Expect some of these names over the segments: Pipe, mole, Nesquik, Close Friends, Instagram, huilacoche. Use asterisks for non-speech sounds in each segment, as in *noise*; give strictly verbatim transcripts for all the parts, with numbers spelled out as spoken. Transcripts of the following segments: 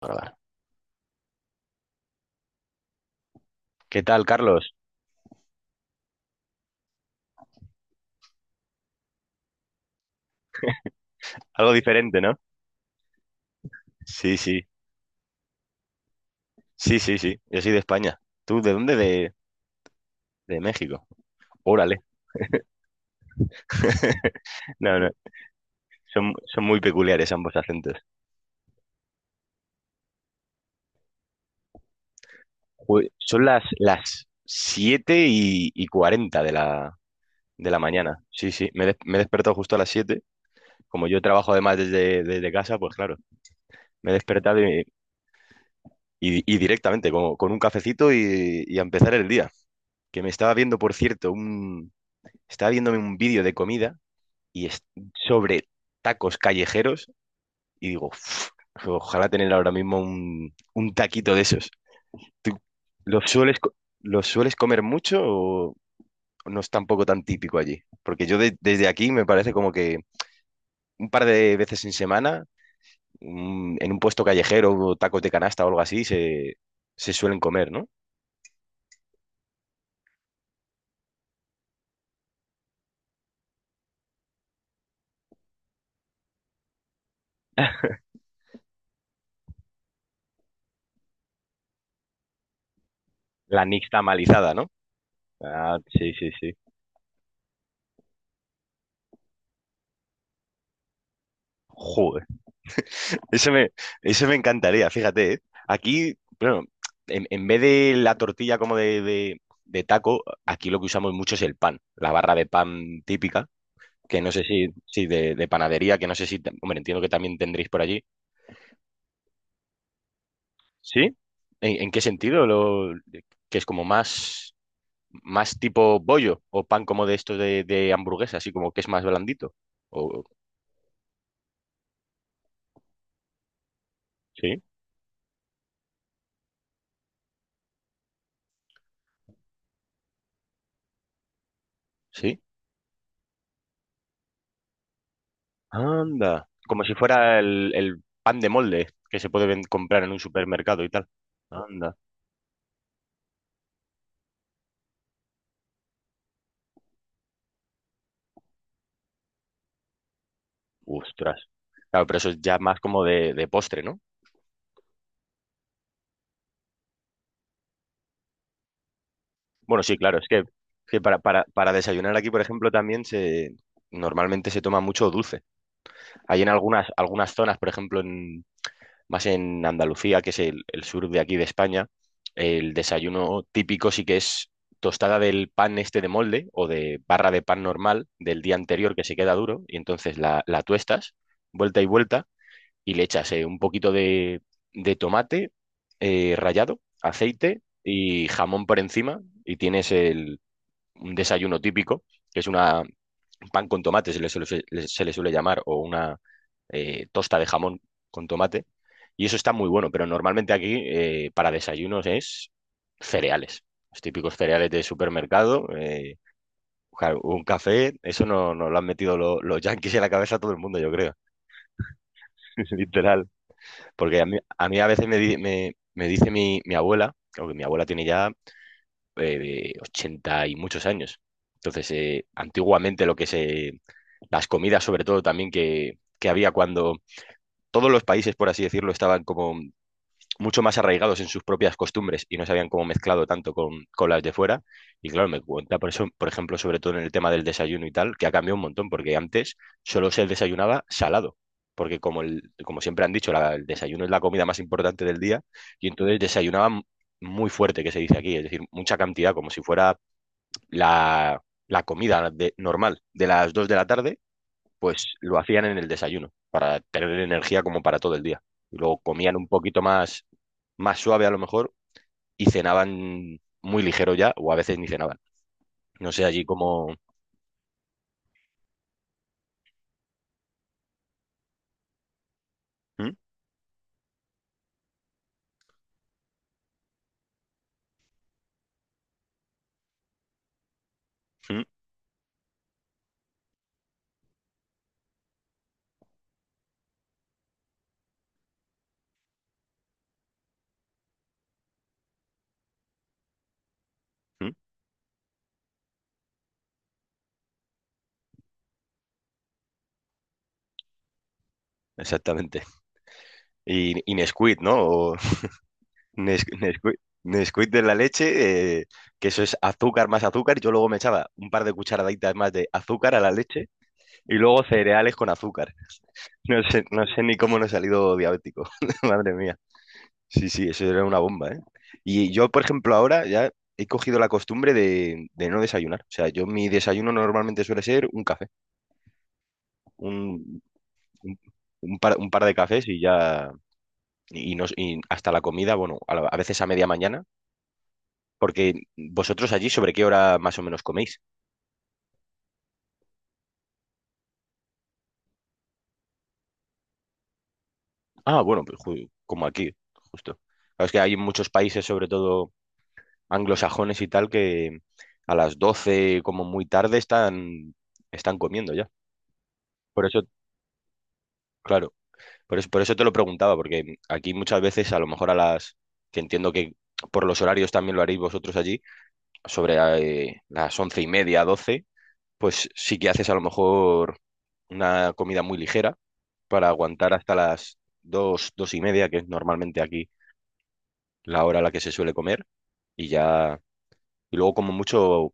Grabar. ¿Qué tal, Carlos? Algo diferente, ¿no? Sí, sí, sí, sí, sí. Yo soy de España. ¿Tú de dónde? De, de México. Órale. *laughs* No, no. Son, son muy peculiares ambos acentos. Jue- Son las, las siete y, y cuarenta de la, de la mañana. Sí, sí. Me, he des- me he despertado justo a las siete. Como yo trabajo además desde, desde casa, pues claro, me he despertado y, y- y directamente con, con un cafecito y, y a empezar el día. Que me estaba viendo, por cierto, un... Estaba viéndome un vídeo de comida y es sobre tacos callejeros y digo: "Uf, ojalá tener ahora mismo un, un taquito de esos." ¿Tú los sueles, co- los sueles comer mucho o no es tampoco tan típico allí? Porque yo de- desde aquí me parece como que un par de veces en semana, un- en un puesto callejero, o tacos de canasta o algo así, se, se suelen comer, ¿no? La nixtamalizada, ¿no? Ah, sí, sí, sí. Joder. Eso me, eso me encantaría, fíjate, ¿eh? Aquí, bueno, en, en vez de la tortilla como de, de- de taco, aquí lo que usamos mucho es el pan, la barra de pan típica, que no sé si, si de, de panadería, que no sé si, tam- hombre, entiendo que también tendréis por allí. ¿Sí? ¿En, en qué sentido? Lo, que es como más, más tipo bollo o pan como de estos de, de hamburguesa, así como que es más blandito. O, ¿sí? ¿Sí? Anda. Como si fuera el, el pan de molde que se puede ven- comprar en un supermercado y tal. Anda. Ostras. Claro, pero eso es ya más como de, de postre, ¿no? Bueno, sí, claro, es que, es que, para, para, para desayunar aquí, por ejemplo, también se normalmente se toma mucho dulce. Hay en algunas, algunas zonas, por ejemplo, en, más en Andalucía, que es el, el sur de aquí de España. El desayuno típico sí que es tostada del pan este de molde o de barra de pan normal del día anterior, que se queda duro, y entonces la, la tuestas vuelta y vuelta y le echas eh, un poquito de, de tomate eh, rallado, aceite y jamón por encima, y tienes el, un desayuno típico, que es una pan con tomate, se le suele, se le suele, llamar, o una eh, tosta de jamón con tomate. Y eso está muy bueno, pero normalmente aquí, eh, para desayunos, es cereales, los típicos cereales de supermercado. Eh, claro, un café, eso no, no lo han metido lo- los yanquis en la cabeza a todo el mundo, yo creo, *laughs* literal. Porque a mí a, mí a, veces me, di- me, me dice mi, mi abuela, aunque mi abuela tiene ya, eh, ochenta y muchos años. Entonces, eh, antiguamente lo que se las comidas sobre todo también que, que había cuando todos los países, por así decirlo, estaban como mucho más arraigados en sus propias costumbres y no se habían como mezclado tanto con, con las de fuera. Y claro, me cuenta por eso, por ejemplo, sobre todo en el tema del desayuno y tal, que ha cambiado un montón, porque antes solo se desayunaba salado, porque como, el, como siempre han dicho, la- el desayuno es la comida más importante del día, y entonces desayunaban muy fuerte, que se dice aquí, es decir, mucha cantidad, como si fuera la, la comida de- normal de las dos de la tarde, pues lo hacían en el desayuno, para tener energía como para todo el día. Y luego comían un poquito más, más suave a lo mejor, y cenaban muy ligero ya, o a veces ni cenaban. No sé, allí como. ¿Mm? ¿Mm? ¿Mm? Exactamente. Y, y Nesquik, ¿no? O *laughs* Nes- Nesquik, Nesquik de la leche, eh, que eso es azúcar más azúcar, y yo luego me echaba un par de cucharaditas más de azúcar a la leche y luego cereales con azúcar. No sé, no sé ni cómo no he salido diabético, *laughs* madre mía. Sí, sí, eso era una bomba, ¿eh? Y yo, por ejemplo, ahora ya he cogido la costumbre de, de no desayunar. O sea, yo mi desayuno normalmente suele ser un café, un, un- un par, un par de cafés y ya, y, no, y hasta la comida, bueno, a, la- a veces a media mañana, porque vosotros allí, ¿sobre qué hora más o menos coméis? Ah, bueno, pues ju- como aquí, justo. Claro, es que hay muchos países, sobre todo anglosajones y tal, que a las doce como muy tarde, están, están comiendo ya. Por eso, claro. Por eso, por eso te lo preguntaba, porque aquí muchas veces, a lo mejor a las que entiendo que por los horarios también lo haréis vosotros allí, sobre eh, las once y media, doce, pues sí que haces a lo mejor una comida muy ligera para aguantar hasta las dos, dos y media, que es normalmente aquí la hora a la que se suele comer, y ya, y luego como mucho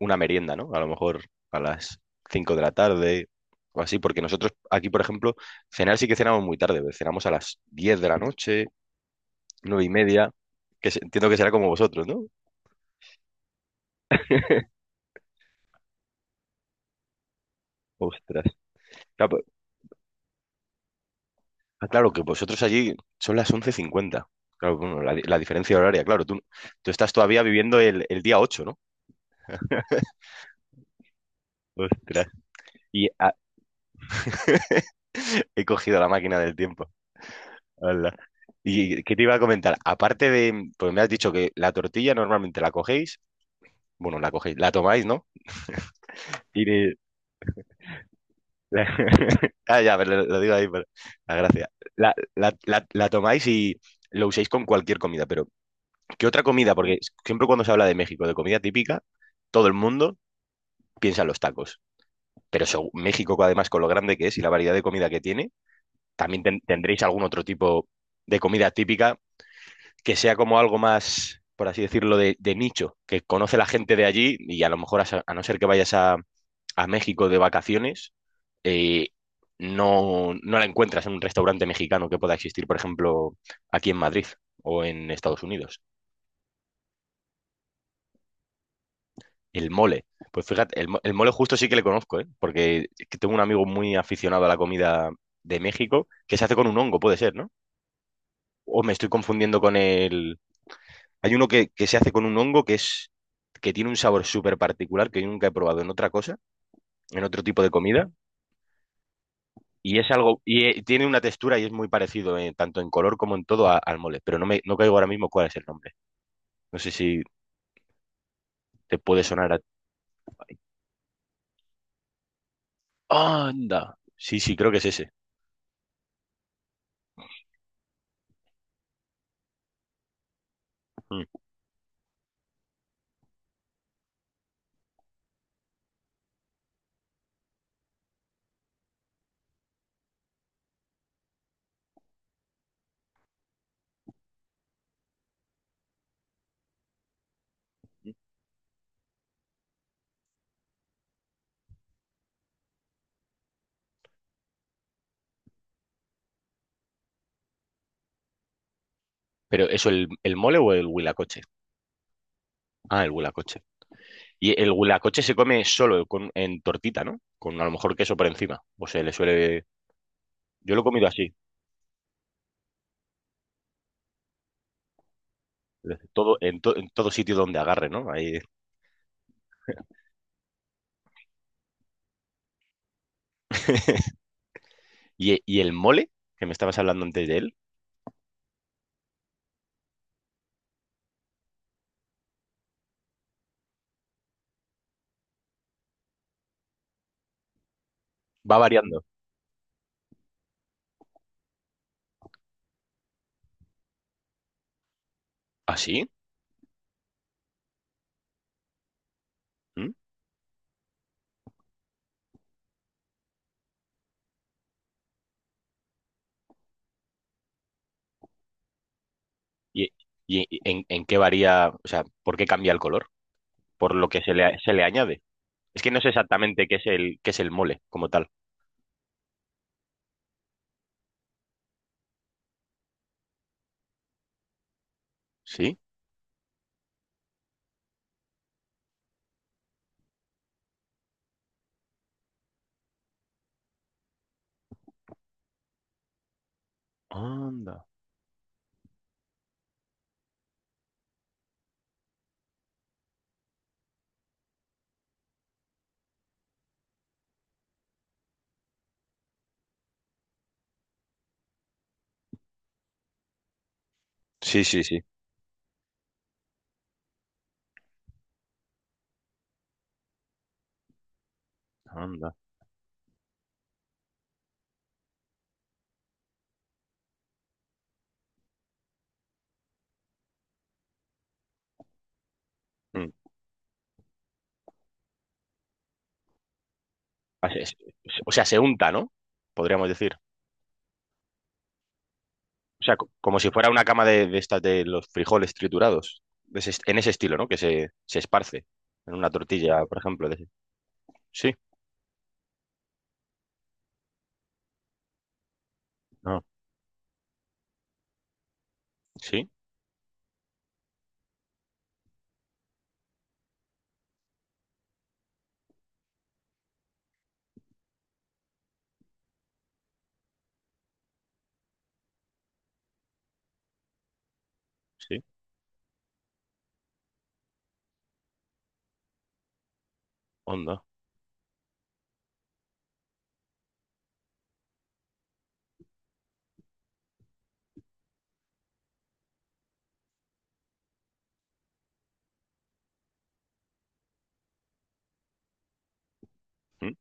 una merienda, ¿no? A lo mejor a las cinco de la tarde o así, porque nosotros aquí, por ejemplo, cenar sí que cenamos muy tarde, cenamos a las diez de la noche, nueve y media, que se- entiendo que será como vosotros, ¿no? Ostras. Claro, pues- ah, claro, que vosotros allí son las once cincuenta. Claro, bueno, la, di- la diferencia horaria, claro, tú, tú estás todavía viviendo el, el día ocho, ¿no? Ostras. Y ah, *laughs* he cogido la máquina del tiempo. Hala. ¿Y qué te iba a comentar? Aparte de, pues me has dicho que la tortilla normalmente la cogéis, bueno, la cogéis, la tomáis, ¿no? Y de- la- *laughs* Ah, ya, pero lo, lo digo ahí, pero. La gracia. La, la, la, la tomáis y lo uséis con cualquier comida, pero ¿qué otra comida? Porque siempre cuando se habla de México, de comida típica, todo el mundo piensa en los tacos. Pero eso, México, además, con lo grande que es y la variedad de comida que tiene, también ten- tendréis algún otro tipo de comida típica que sea como algo más, por así decirlo, de, de nicho, que conoce la gente de allí, y a lo mejor, a, sa- a no ser que vayas a, a México de vacaciones, eh, no, no la encuentras en un restaurante mexicano que pueda existir, por ejemplo, aquí en Madrid o en Estados Unidos. El mole. Pues fíjate, el, mo- el mole justo sí que le conozco, ¿eh? Porque es que tengo un amigo muy aficionado a la comida de México, que se hace con un hongo, puede ser, ¿no? O me estoy confundiendo con el. Hay uno que, que, se hace con un hongo, que es que tiene un sabor súper particular, que yo nunca he probado en otra cosa, en otro tipo de comida, y es algo, y eh, tiene una textura y es muy parecido, eh, tanto en color como en todo a- al mole, pero no me no caigo ahora mismo cuál es el nombre. No sé si te puede sonar a. ¡Anda! Sí, sí, creo que es ese. Mm. Pero ¿eso el, el mole o el huilacoche? Ah, el huelacoche. Y el huelacoche se come solo con, en tortita, ¿no? Con a lo mejor queso por encima. O se le suele. Yo lo he comido así. Todo, en, to- en todo sitio donde agarre, ¿no? Ahí. *laughs* Y, y el mole, que me estabas hablando antes de él, va variando. ¿Ah, sí? ¿Mm? ¿Y, y- en, en qué varía? O sea, ¿por qué cambia el color? Por lo que se le, a- se le añade. Es que no sé exactamente qué es el, qué es el mole como tal. ¿Sí? Anda. Sí, sí, sí. Anda. Mm. Así es. O sea, se unta, ¿no? Podríamos decir. O sea, co- como si fuera una cama de, de estas de los frijoles triturados. De ese est-, en ese estilo, ¿no? Que se, se esparce en una tortilla, por ejemplo. de ese- Sí, no, sí, sí, onda, mm,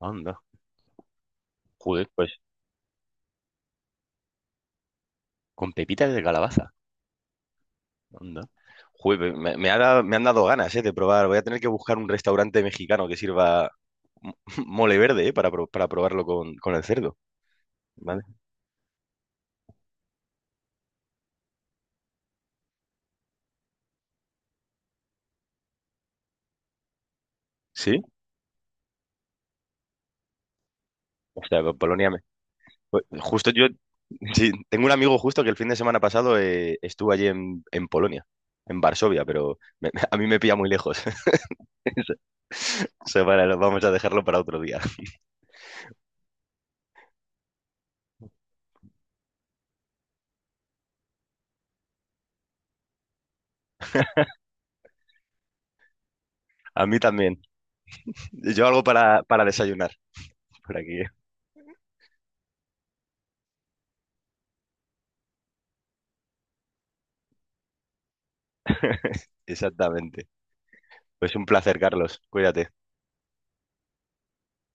onda. Joder, pues con pepitas de calabaza. Onda. Joder, me, me ha dado- me han dado ganas, eh, de probar. Voy a tener que buscar un restaurante mexicano que sirva mo- *laughs* mole verde, eh, para, pro- para probarlo con, con el cerdo. ¿Vale? Sí. O sea, Polonia. Pues, justo yo, *laughs* sí, tengo un amigo justo que el fin de semana pasado, eh, estuvo allí en, en Polonia, en Varsovia, pero me- *laughs* a mí me pilla muy lejos. *laughs* O sea, vale, lo- vamos a dejarlo para otro día. A mí también. Yo algo para, para desayunar por aquí. Exactamente. Pues un placer, Carlos. Cuídate.